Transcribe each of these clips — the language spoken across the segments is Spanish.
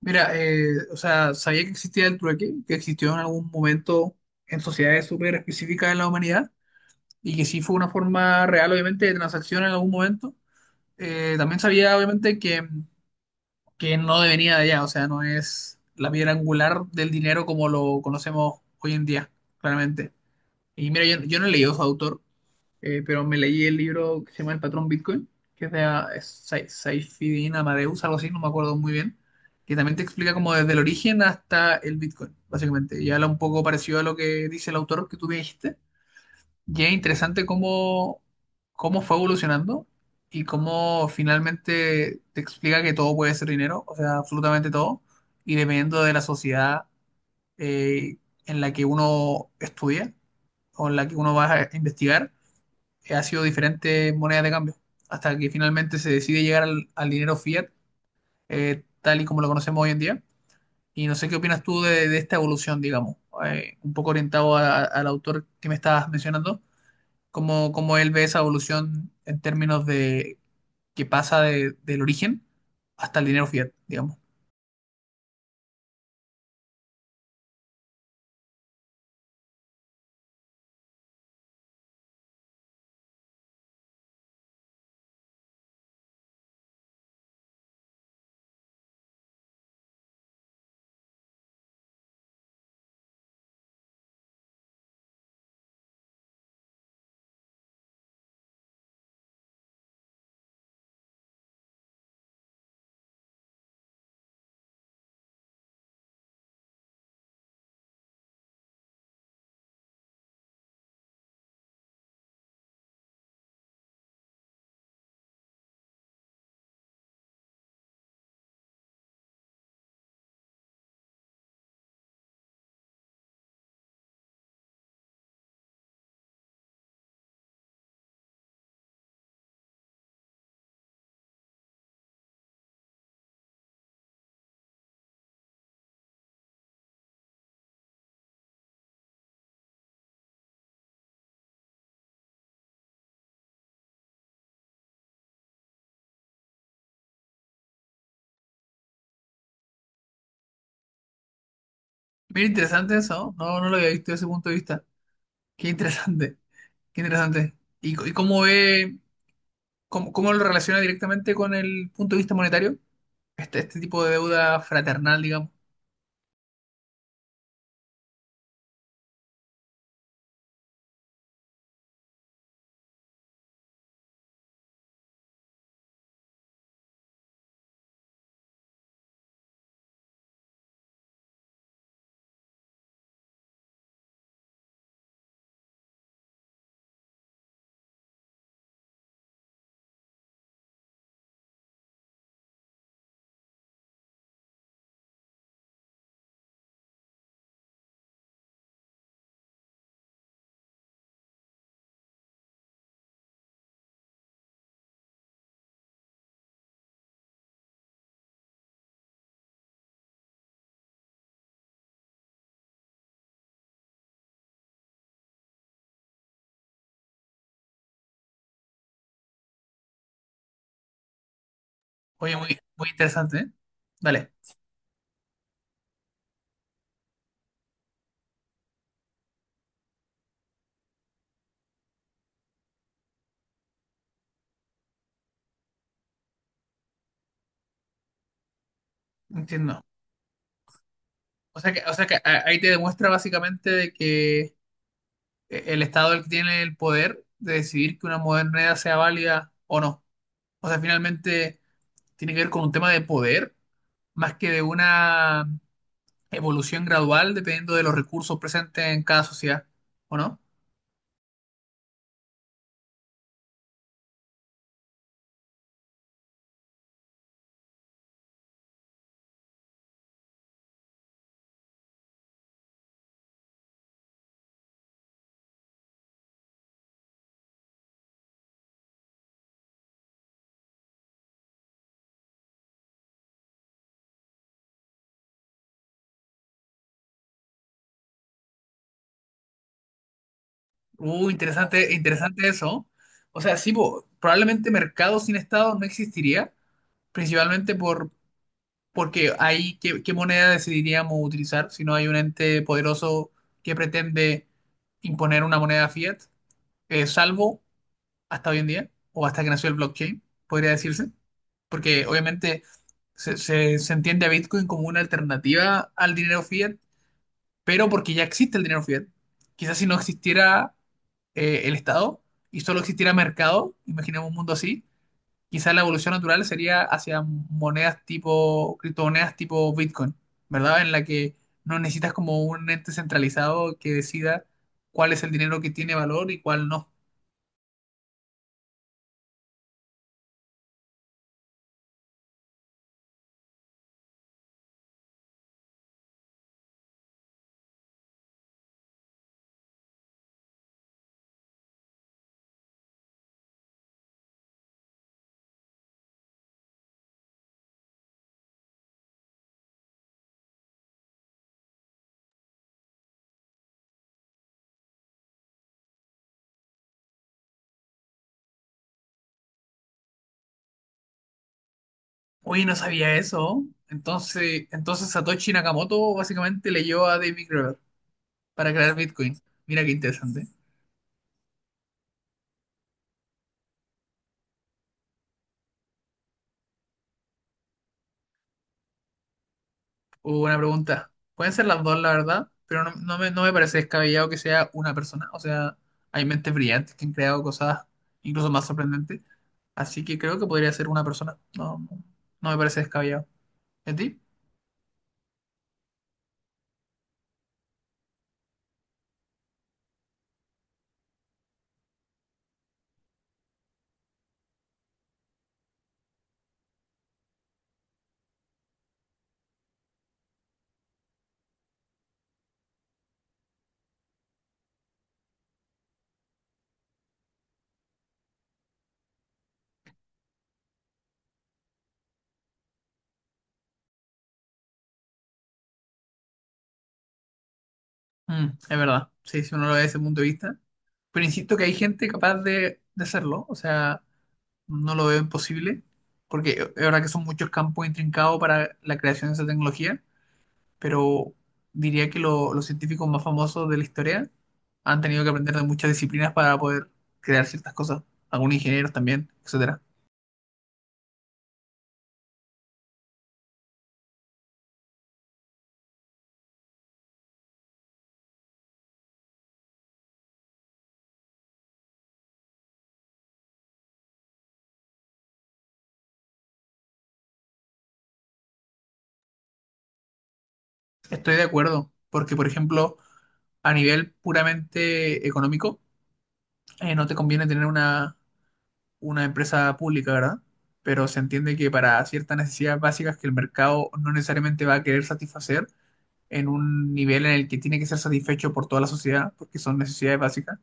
Mira, o sea, sabía que existía el trueque, que existió en algún momento en sociedades súper específicas de la humanidad y que sí fue una forma real, obviamente, de transacción en algún momento. También sabía, obviamente, que no venía de allá, o sea, no es la piedra angular del dinero como lo conocemos hoy en día, claramente. Y mira, yo no he leído a su autor, pero me leí el libro que se llama El patrón Bitcoin, que es de es Saifuddin Amadeus, algo así, no me acuerdo muy bien, que también te explica como desde el origen hasta el Bitcoin, básicamente. Y habla un poco parecido a lo que dice el autor que tú me dijiste. Y es interesante cómo fue evolucionando y cómo finalmente te explica que todo puede ser dinero, o sea, absolutamente todo, y dependiendo de la sociedad eh, en la que uno estudia o en la que uno va a investigar, ha sido diferentes monedas de cambio, hasta que finalmente se decide llegar al dinero fiat, tal y como lo conocemos hoy en día. Y no sé qué opinas tú de esta evolución, digamos, un poco orientado al autor que me estabas mencionando, cómo él ve esa evolución en términos de que pasa del origen hasta el dinero fiat, digamos. Mira, interesante eso, ¿no? No, no lo había visto desde ese punto de vista. Qué interesante, qué interesante. ¿Y, y cómo ve, cómo lo relaciona directamente con el punto de vista monetario? Este tipo de deuda fraternal, digamos. Oye, muy, muy interesante, ¿eh? Vale, entiendo. O sea que ahí te demuestra básicamente de que el Estado es el que tiene el poder de decidir que una moneda sea válida o no. O sea, finalmente tiene que ver con un tema de poder más que de una evolución gradual dependiendo de los recursos presentes en cada sociedad, ¿o no? Interesante, interesante eso. O sea, sí, po, probablemente mercado sin Estado no existiría principalmente porque ahí, ¿ qué moneda decidiríamos utilizar si no hay un ente poderoso que pretende imponer una moneda fiat, salvo hasta hoy en día, o hasta que nació el blockchain, ¿podría decirse? Porque obviamente se entiende a Bitcoin como una alternativa al dinero fiat, pero porque ya existe el dinero fiat. Quizás si no existiera el Estado y solo existiera mercado, imaginemos un mundo así, quizás la evolución natural sería hacia monedas tipo, criptomonedas tipo Bitcoin, ¿verdad? En la que no necesitas como un ente centralizado que decida cuál es el dinero que tiene valor y cuál no. Oye, no sabía eso. Entonces, Satoshi Nakamoto básicamente leyó a David Graeber para crear Bitcoin. Mira qué interesante. Buena pregunta. Pueden ser las dos, la verdad, pero no, no me parece descabellado que sea una persona. O sea, hay mentes brillantes que han creado cosas incluso más sorprendentes. Así que creo que podría ser una persona. No, no, no me parece descabellado. ¿Y a ti? Mm, es verdad. Sí, si uno lo ve desde ese punto de vista. Pero insisto que hay gente capaz de hacerlo. O sea, no lo veo imposible. Porque es verdad que son muchos campos intrincados para la creación de esa tecnología, pero diría que los científicos más famosos de la historia han tenido que aprender de muchas disciplinas para poder crear ciertas cosas, algunos ingenieros también, etcétera. Estoy de acuerdo, porque por ejemplo, a nivel puramente económico, no te conviene tener una empresa pública, ¿verdad? Pero se entiende que para ciertas necesidades básicas que el mercado no necesariamente va a querer satisfacer, en un nivel en el que tiene que ser satisfecho por toda la sociedad, porque son necesidades básicas,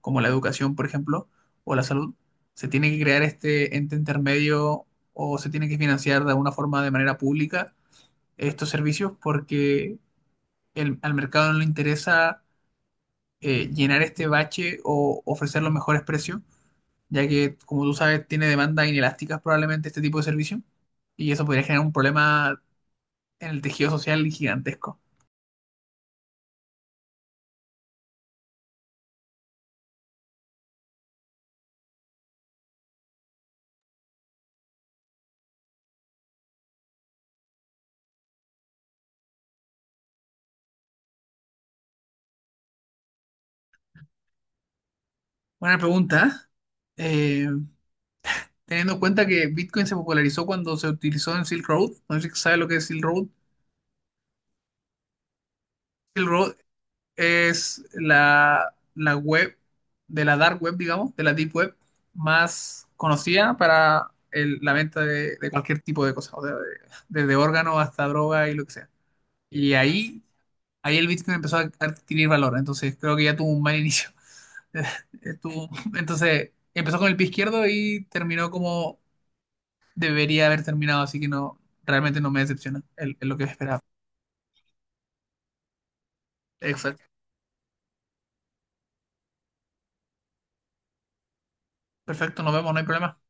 como la educación, por ejemplo, o la salud, se tiene que crear este ente intermedio o se tiene que financiar de alguna forma de manera pública estos servicios porque al mercado no le interesa llenar este bache o ofrecer los mejores precios, ya que, como tú sabes, tiene demandas inelásticas probablemente este tipo de servicio y eso podría generar un problema en el tejido social gigantesco. Buena pregunta. ¿Eh? Teniendo en cuenta que Bitcoin se popularizó cuando se utilizó en Silk Road. No sé si sabes lo que es Silk Road. Silk Road es la web de la dark web, digamos, de la deep web más conocida para la venta de cualquier tipo de cosas, o sea, desde órganos hasta droga y lo que sea. Y ahí el Bitcoin empezó a adquirir valor, entonces creo que ya tuvo un mal inicio. Estuvo- entonces empezó con el pie izquierdo y terminó como debería haber terminado, así que no, realmente no me decepciona el lo que esperaba. Exacto. Perfecto, nos vemos, no hay problema.